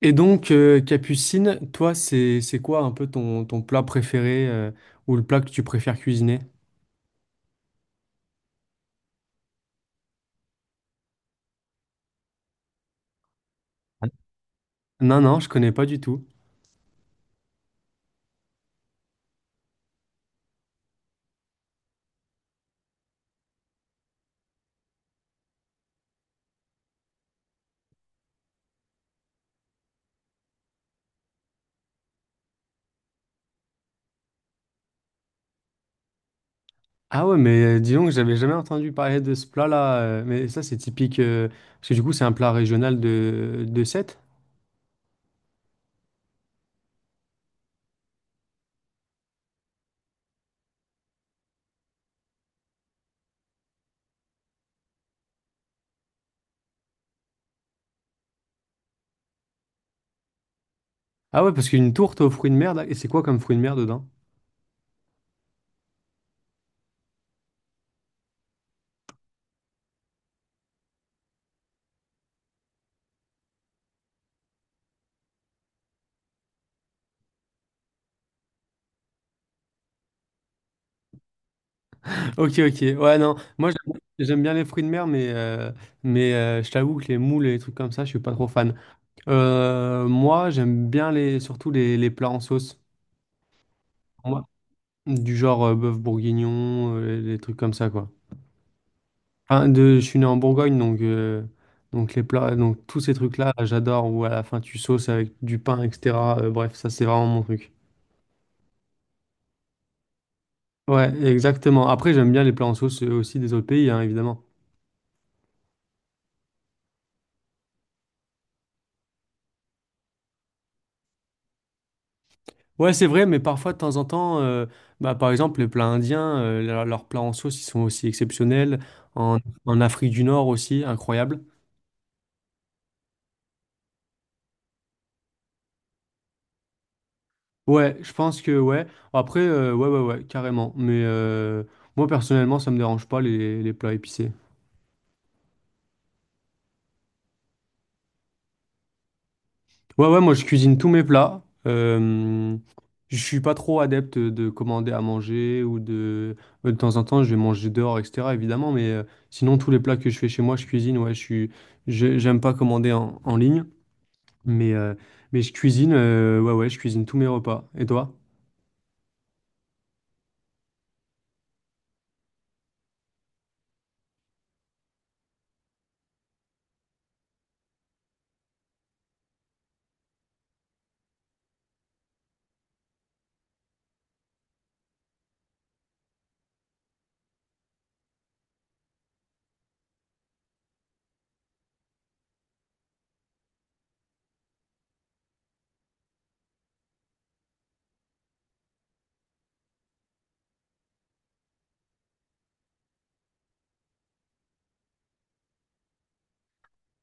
Et donc, Capucine, toi, c'est quoi un peu ton plat préféré, ou le plat que tu préfères cuisiner? Non, non, je connais pas du tout. Ah ouais, mais dis donc, j'avais jamais entendu parler de ce plat-là. Mais ça, c'est typique, parce que du coup, c'est un plat régional de Sète. Ah ouais, parce qu'une tourte aux fruits de mer, là, et c'est quoi comme fruits de mer dedans? Ok, ok. Ouais, non, moi, j'aime bien les fruits de mer, mais, mais je t'avoue que les moules et les trucs comme ça, je suis pas trop fan. Moi, j'aime bien surtout les plats en sauce. Du genre bœuf bourguignon, les trucs comme ça, quoi. Enfin, je suis né en Bourgogne, donc les plats, donc tous ces trucs-là, j'adore, où à la fin tu sauces avec du pain, etc. Bref, ça c'est vraiment mon truc. Ouais, exactement. Après, j'aime bien les plats en sauce aussi des autres pays, hein, évidemment. Ouais, c'est vrai, mais parfois, de temps en temps, bah, par exemple, les plats indiens, leurs plats en sauce, ils sont aussi exceptionnels. En, en Afrique du Nord aussi, incroyable. Ouais, je pense que ouais. Après, ouais, ouais, ouais, carrément. Mais moi, personnellement, ça me dérange pas les plats épicés. Ouais, ouais, moi, je cuisine tous mes plats. Je suis pas trop adepte de commander à manger ou de... De temps en temps, je vais manger dehors, etc., évidemment. Mais sinon, tous les plats que je fais chez moi, je cuisine. Ouais, je suis... J'aime pas commander en ligne. Mais, mais je cuisine, ouais, ouais, je cuisine tous mes repas. Et toi?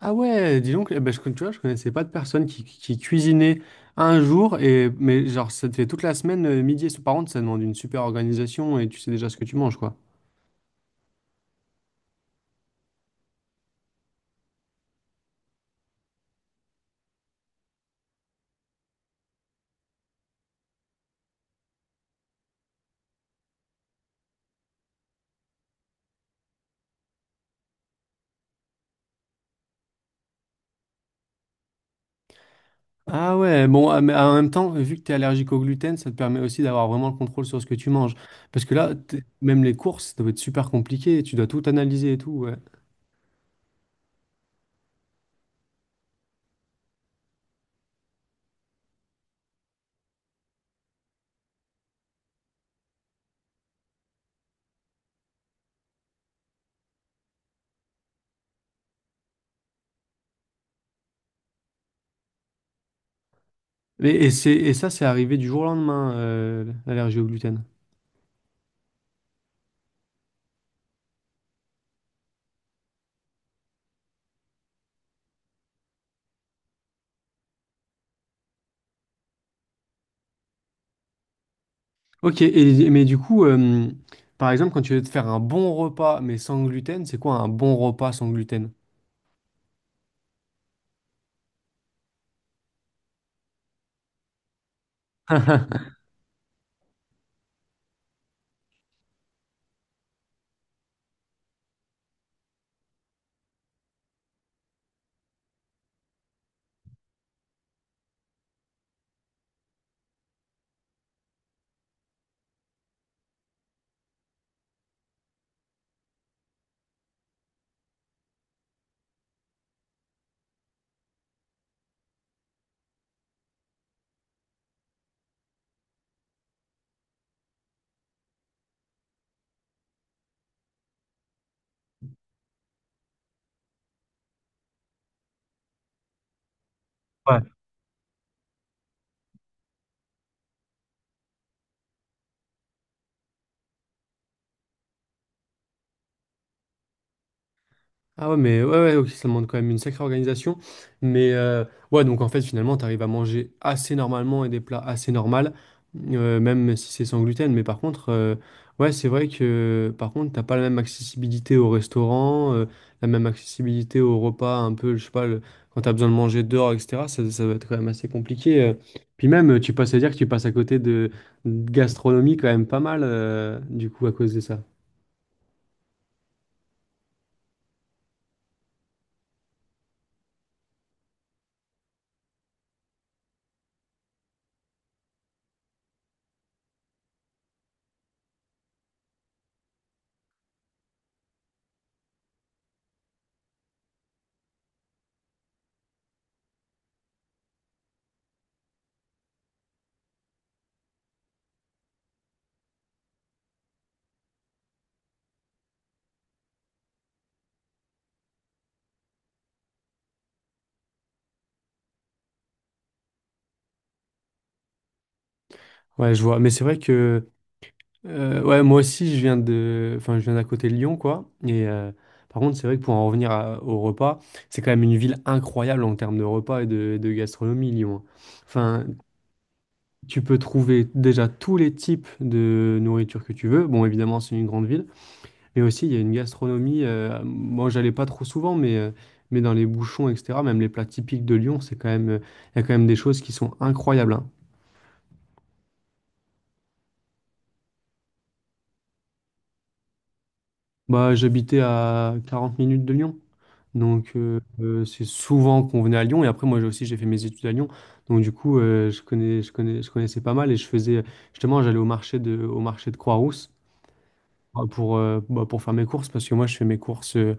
Ah ouais, dis donc, eh ben, je, tu vois, je connaissais pas de personne qui cuisinait un jour, et, mais genre, ça te fait toute la semaine, midi et soir. Par contre, ça demande une super organisation et tu sais déjà ce que tu manges, quoi. Ah ouais, bon, ah, mais en même temps, vu que tu es allergique au gluten, ça te permet aussi d'avoir vraiment le contrôle sur ce que tu manges. Parce que là, même les courses, ça doit être super compliqué, tu dois tout analyser et tout, ouais. Et ça, c'est arrivé du jour au lendemain, l'allergie au gluten. Ok, et, mais du coup, par exemple, quand tu veux te faire un bon repas mais sans gluten, c'est quoi un bon repas sans gluten? Ouais. Ah ouais, mais ouais, ouais, ok, ça demande quand même une sacrée organisation. Mais ouais, donc en fait, finalement, t'arrives à manger assez normalement et des plats assez normaux, même si c'est sans gluten. Mais par contre, ouais, c'est vrai que par contre, t'as pas la même accessibilité au restaurant, la même accessibilité au repas, un peu, je sais pas, quand t'as besoin de manger dehors, etc. Ça va être quand même assez compliqué. Puis même, tu passes à dire que tu passes à côté de gastronomie quand même pas mal, du coup, à cause de ça. Ouais, je vois. Mais c'est vrai que. Ouais, moi aussi, je viens enfin, je viens d'à côté de Lyon, quoi. Et par contre, c'est vrai que pour en revenir au repas, c'est quand même une ville incroyable en termes de repas et de gastronomie, Lyon. Enfin, tu peux trouver déjà tous les types de nourriture que tu veux. Bon, évidemment, c'est une grande ville, mais aussi il y a une gastronomie. Moi, j'allais pas trop souvent, mais dans les bouchons, etc. Même les plats typiques de Lyon, c'est quand même, il y a quand même des choses qui sont incroyables, hein. Bah, j'habitais à 40 minutes de Lyon. Donc, c'est souvent qu'on venait à Lyon. Et après, moi j'ai aussi, j'ai fait mes études à Lyon. Donc, du coup, je connaissais pas mal. Et je faisais, justement, j'allais au marché au marché de Croix-Rousse bah, pour faire mes courses. Parce que moi, je fais mes courses,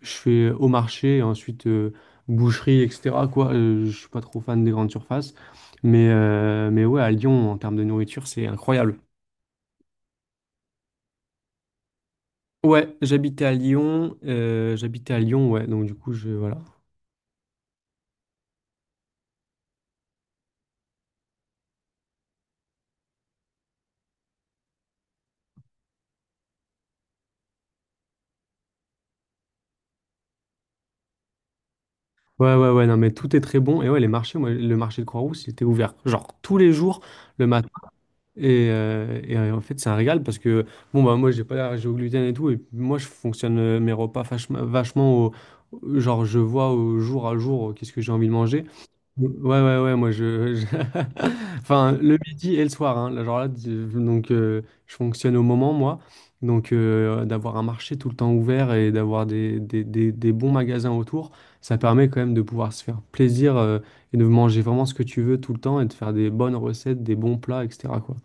je fais au marché, et ensuite boucherie, etc., quoi. Je suis pas trop fan des grandes surfaces. Mais, mais ouais, à Lyon, en termes de nourriture, c'est incroyable. Ouais, j'habitais à Lyon. Ouais. Donc, du coup, je, voilà. Ouais, ouais, ouais, non, mais tout est très bon. Et ouais, les marchés, moi, le marché de Croix-Rousse, il était ouvert, genre tous les jours, le matin. En fait, c'est un régal parce que, bon, bah, moi, j'ai pas l'air au gluten et tout. Et puis, moi, je fonctionne mes repas vachement au genre, je vois au jour à jour qu'est-ce que j'ai envie de manger. Ouais, ouais, ouais, moi, je- Enfin, le midi et le soir, hein. Là, genre là, donc, je fonctionne au moment, moi. Donc, d'avoir un marché tout le temps ouvert et d'avoir des bons magasins autour, ça permet quand même de pouvoir se faire plaisir, et de manger vraiment ce que tu veux tout le temps et de faire des bonnes recettes, des bons plats, etc., quoi.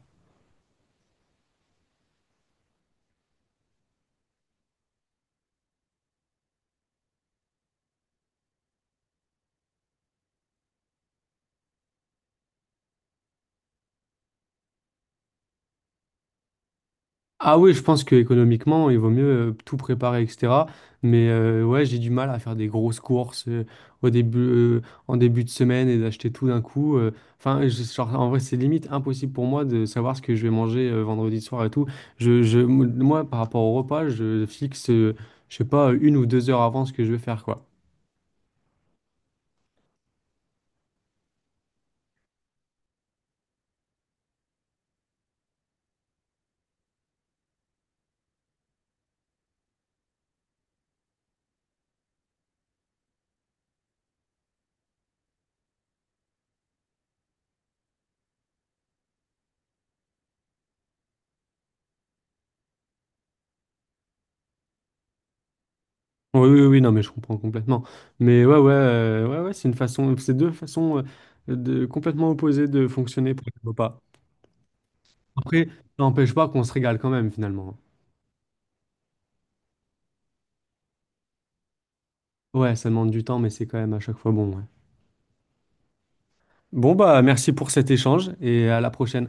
Ah oui, je pense que économiquement, il vaut mieux tout préparer, etc. Mais ouais, j'ai du mal à faire des grosses courses au début, euh, en début de semaine et d'acheter tout d'un coup. Enfin, genre, en vrai, c'est limite impossible pour moi de savoir ce que je vais manger vendredi soir et tout. Moi, par rapport au repas, je fixe, je sais pas, une ou deux heures avant ce que je vais faire, quoi. Oui, oui, oui, non, mais je comprends complètement. Mais ouais, ouais, ouais, ouais, c'est une façon, c'est deux façons complètement opposées de fonctionner pour les repas. Après, ça n'empêche pas qu'on se régale quand même finalement. Ouais, ça demande du temps, mais c'est quand même à chaque fois bon, ouais. Bon, bah merci pour cet échange et à la prochaine.